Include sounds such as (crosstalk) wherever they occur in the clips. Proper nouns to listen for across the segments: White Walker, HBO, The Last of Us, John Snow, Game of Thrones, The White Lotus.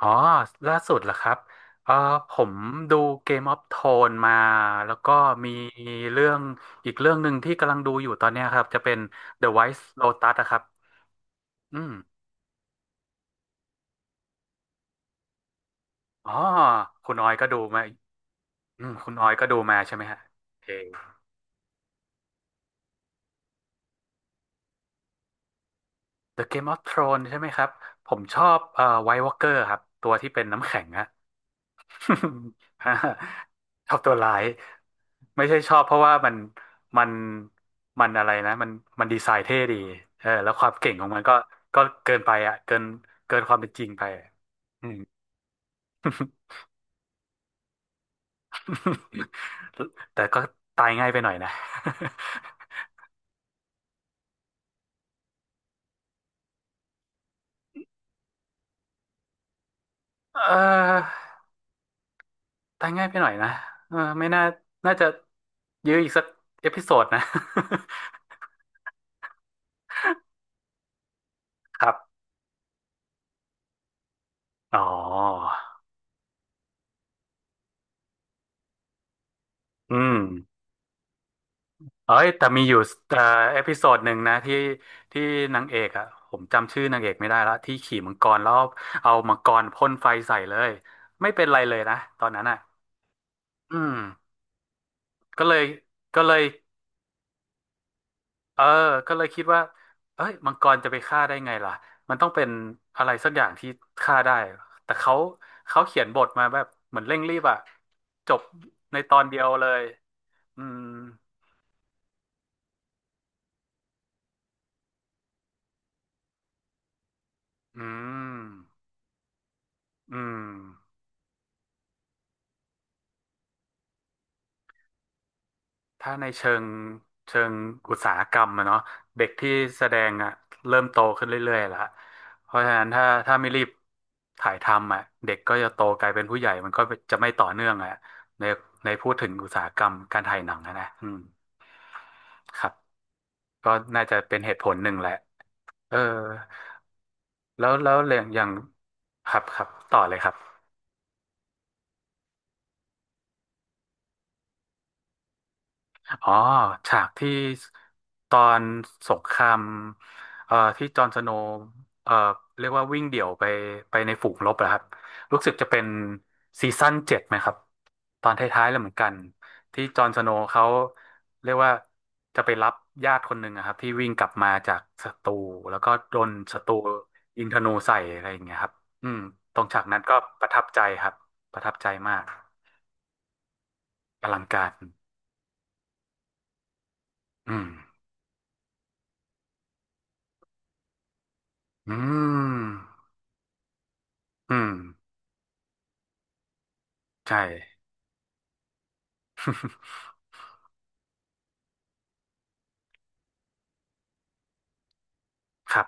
อ๋อล่าสุดเหรอครับเออผมดู Game of Thrones มา แล้วก็มีเรื่องอีกเรื่องหนึ่งที่กำลังดูอยู่ตอนเนี้ยครับ จะเป็น The White Lotus นะครับอืมอ๋อ คุณออยก็ดูมาคุณออยก็ดูมาใช่ไหมฮะโอเค The Game of Thrones ใช่ไหมครับ ผมชอบWhite Walker ครับ ตัวที่เป็นน้ำแข็งอะ (laughs) ฮะชอบตัวร้ายไม่ใช่ชอบเพราะว่ามันมันอะไรนะมันดีไซน์เท่ดีเออแล้วความเก่งของมันก็เกินไปอ่ะเกินความเป็นจริงไปอะอืม (laughs) แต่ก็ตายง่ายไปหน่อยนะ (laughs) เออตายง่ายไปหน่อยนะเออไม่น่าน่าจะยื้ออีกสักเอพิโซดนะ (laughs) ครับอ๋ออืม เอ้ยแต่มีอยู่เอ่อเอพิโซดหนึ่งนะที่นางเอกอ่ะผมจำชื่อนางเอกไม่ได้และที่ขี่มังกรแล้วเอามังกรพ่นไฟใส่เลยไม่เป็นไรเลยนะตอนนั้นอ่ะอืมก็เลยก็เลยเออก็เลยคิดว่าเอ้ยมังกรจะไปฆ่าได้ไงล่ะมันต้องเป็นอะไรสักอย่างที่ฆ่าได้แต่เขาเขียนบทมาแบบเหมือนเร่งรีบอ่ะจบในตอนเดียวเลยอืมอืมอืม ถ้าในเชิงอุตสาหกรรมอะเนาะเด็กที่แสดงอะเริ่มโตขึ้นเรื่อยๆละเพราะฉะนั้นถ้าไม่รีบถ่ายทำอะเด็กก็จะโตกลายเป็นผู้ใหญ่มันก็จะไม่ต่อเนื่องอะในในพูดถึงอุตสาหกรรมการถ่ายหนังอะนะอืมครับก็น่าจะเป็นเหตุผลหนึ่งแหละเออแล้วเรื่องอย่างครับครับต่อเลยครับ อ๋อฉากที่ตอนสงครามที่จอห์นสโนว์เอ่อเรียกว่าวิ่งเดี่ยวไปในฝูงรบนะครับรู้สึกจะเป็นซีซั่นเจ็ดไหมครับตอนท้ายๆแล้วเหมือนกันที่จอห์นสโนว์เขาเรียกว่าจะไปรับญาติคนหนึ่งอะครับที่วิ่งกลับมาจากศัตรูแล้วก็โดนศัตรูยิงธนูใส่อะไรอย่างเงี้ยครับอืมตรงฉากนั้นก็ประทับใจครับประทับใจมากอลังการอืมอืมอืม ใช่ (laughs) ครับ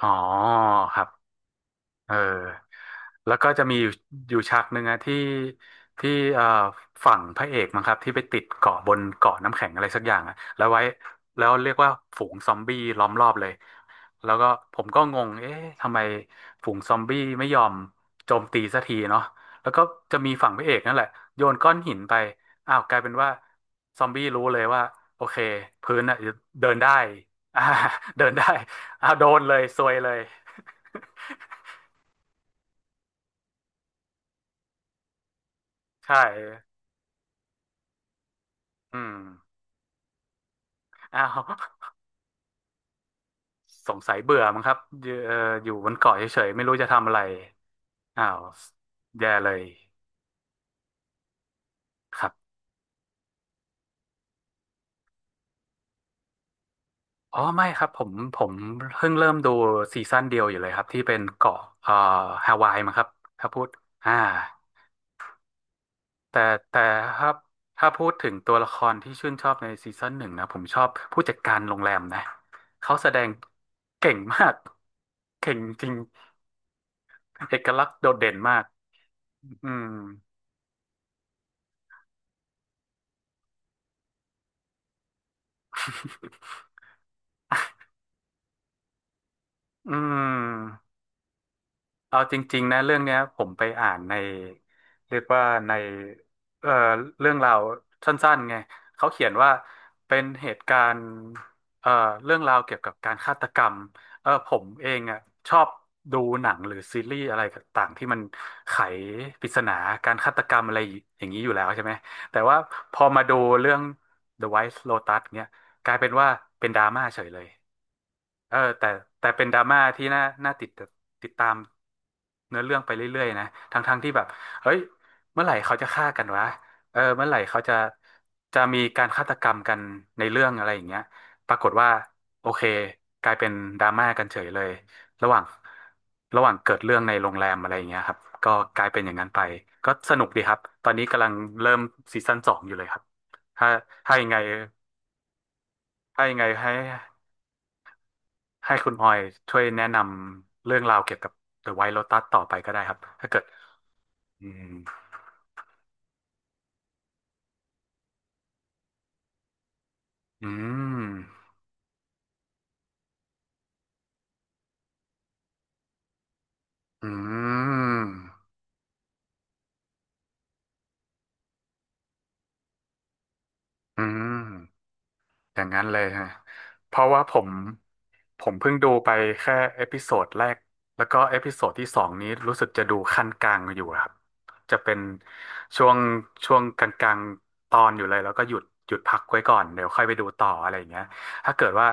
อ๋อครับ เออแล้วก็จะมีอยู่ฉากหนึ่งอะที่เอ่อฝั่งพระเอกมั้งครับที่ไปติดเกาะบนเกาะน้ำแข็งอะไรสักอย่างอะแล้วไว้แล้วเรียกว่าฝูงซอมบี้ล้อมรอบเลยแล้วก็ผมก็งงเอ๊ะทำไมฝูงซอมบี้ไม่ยอมโจมตีสักทีเนาะแล้วก็จะมีฝั่งพระเอกนั่นแหละโยนก้อนหินไปอ้าวกลายเป็นว่าซอมบี้รู้เลยว่าโอเคพื้นอะเดินได้ (laughs) อ่าเดินได้อ้าวโดนเลยซวยเลย (laughs) ใช่ อืมอ้าว (laughs) สงสัยเบื่อมั้งครับอยู่บนเกาะเฉยๆ ไม่รู้จะทำอะไรอ้าวแย่เลยครับอ๋อไม่ครับผมเพิ่งเริ่มดูซีซั่นเดียวอยู่เลยครับที่เป็นเกาะฮาวายมั้งครับถ้าพูด อ่า แต่แต่ครับถ้าพูดถึงตัวละครที่ชื่นชอบในซีซั่นหนึ่งนะผมชอบผู้จัดการโรงแรมนะเขาแสดงเก่งมากเก่งจริงเอกลักษณ์โดดเด่นมาก อืม (laughs) อืม เอาจริงๆนะเรื่องเนี้ยผมไปอ่านในเรียกว่าในเอ่อเรื่องราวสั้นๆไงเขาเขียนว่าเป็นเหตุการณ์เอ่อเรื่องราวเกี่ยวกับการฆาตกรรมเออผมเองอ่ะชอบดูหนังหรือซีรีส์อะไรต่างๆที่มันไขปริศนาการฆาตกรรมอะไรอย่างนี้อยู่แล้วใช่ไหมแต่ว่าพอมาดูเรื่อง The White Lotus เนี้ยกลายเป็นว่าเป็นดราม่าเฉยเลย เออแต่เป็นดราม่าที่น่าติดตามเนื้อเรื่องไปเรื่อยๆนะทั้งที่แบบเฮ้ยเมื่อไหร่เขาจะฆ่ากันวะเออเมื่อไหร่เขาจะมีการฆาตกรรมกันในเรื่องอะไรอย่างเงี้ยปรากฏว่าโอเคกลายเป็นดราม่ากันเฉยเลยระหว่างระหว่างเกิดเรื่องในโรงแรมอะไรอย่างเงี้ยครับก็กลายเป็นอย่างนั้นไปก็สนุกดีครับตอนนี้กำลังเริ่มซีซั่นสองอยู่เลยครับถ้าถ้ายังไงถ้ายังไงให้คุณออยช่วยแนะนำเรื่องราวเกี่ยวกับ The White Lotus ต่อไปก็ได้ครับถ้าเกิดอืมอืมอืมอืม อย่างนั้นเลยฮะเพราะว่าผมเพิ่งดูไปแค่เอพิโซดแรกแล้วก็เอพิโซดที่สองนี้รู้สึกจะดูขั้นกลางอยู่ครับจะเป็นช่วงช่วงกลางๆตอนอยู่เลยแล้วก็หยุดพักไว้ก่อนเดี๋ยวค่อยไปดูต่ออะไรอย่างเงี้ยถ้าเกิดว่า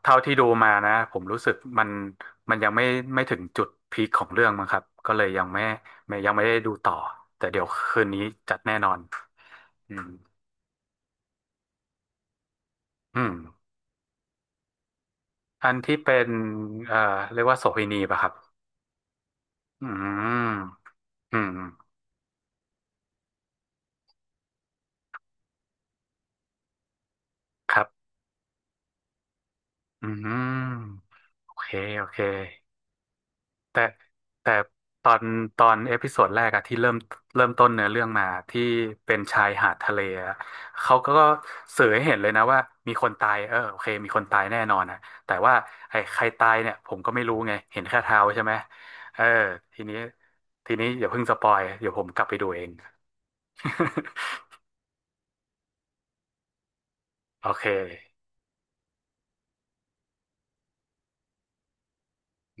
เท่าที่ดูมานะผมรู้สึกมันยังไม่ถึงจุดพีคของเรื่องมั้งครับก็เลยยังไม่ไม่ยังไม่ได้ดูต่อแต่เดี๋ยวคืนนี้จัดแน่นอนอืมอืม อันที่เป็นเอ่อเรียกว่าโสเภณีป่ะครับอืมอืมครับอืมโอเคโอเคแต่แต่ตอนตอนเอพิโซดแรกอะที่เริ่มต้นเนื้อเรื่องมาที่เป็นชายหาดทะเลอะเขาก็สื่อให้เห็นเลยนะว่ามีคนตายเออโอเคมีคนตายแน่นอนนะแต่ว่าไอ้ใครตายเนี่ยผมก็ไม่รู้ไงเห็นแค่เท้าใช่ไหมเออทีนี้ทีนี้อย่าเพิ่งสปอยเดี๋ยวผมกลับไปดูเอง (laughs) โอเค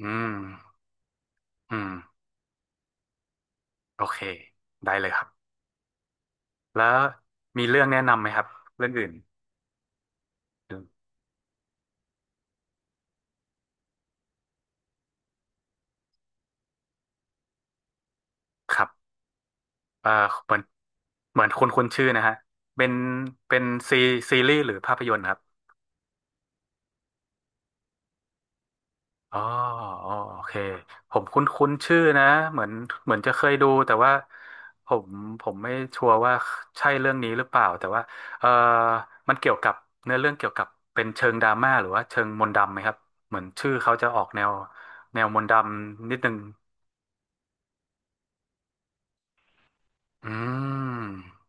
อืม อืมโอเคได้เลยครับแล้วมีเรื่องแนะนำไหมครับเรื่องอื่นครับเอ่อเหมือนเหมือนคุณชื่อนะฮะเป็นเป็นซีซีรีส์หรือภาพยนตร์ครับอ๋ออ๋อโอเคผมคุ้นคุ้นชื่อนะเหมือนเหมือนจะเคยดูแต่ว่าผมผมไม่ชัวร์ว่าใช่เรื่องนี้หรือเปล่าแต่ว่าเออมันเกี่ยวกับเนื้อเรื่องเกี่ยวกับเป็นเชิงดราม่าหรือว่าเชิงมนต์ดำไหมครับเหมือนชื่อเขาจะออกแนวแนวมนต์ดำนิดนึง อืม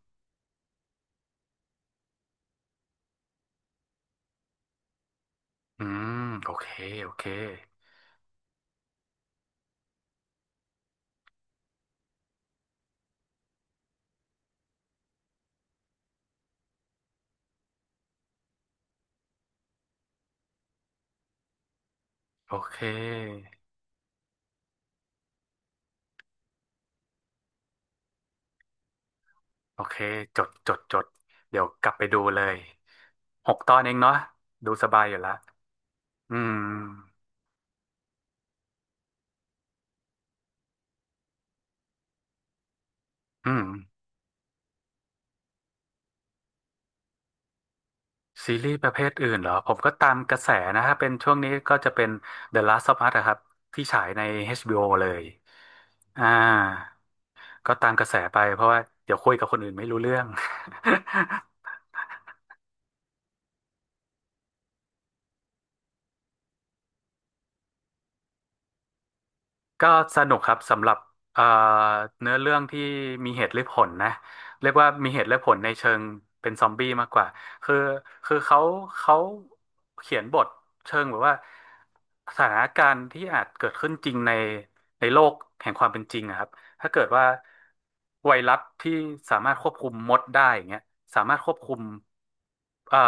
อืมโอเค โอเค โอเคโอเคจดจดจดเดี๋ยวกลับไปดูเลยหกตอนเองเนาะดูสบายอยู่ละอืมอืมซีรีส์ประเภทอื่นเหรอผมก็ตามกระแสนะถ้าเป็นช่วงนี้ก็จะเป็น The Last of Us อะครับที่ฉายใน HBO เลยอ่าก็ตามกระแสไปเพราะว่าเดี๋ยวคุยกับคนอื่นไม่รู้เรื่อง (laughs) ก็สนุกครับสำหรับเอ่อเนื้อเรื่องที่มีเหตุและผลนะเรียกว่ามีเหตุและผลในเชิงเป็นซอมบี้มากกว่าคือคือเขาเขียนบทเชิงแบบว่าสถานการณ์ที่อาจเกิดขึ้นจริงในโลกแห่งความเป็นจริงอะครับ ถ้าเกิดว่าไวรัสที่สามารถควบคุมมดได้อย่างเงี้ยสามารถควบคุมเอ่อ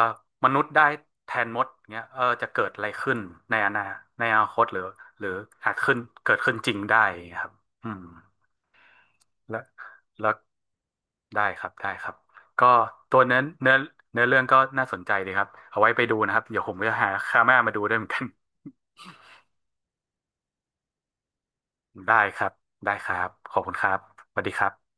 มนุษย์ได้แทนมดอย่างเงี้ยเออจะเกิดอะไรขึ้นในอนาในอนาคตหรือหรืออาจขึ้นเกิดขึ้นจริงได้อย่างเงี้ยครับอืมและแล้วได้ครับก็ตัวเนื้อเรื่องก็น่าสนใจดีครับเอาไว้ไปดูนะครับเดี๋ยวผมจะหาคาม่ามาดูด้วยเหมือนกันได้ครับได้ครับขอบคุณครับสวัสดีครับ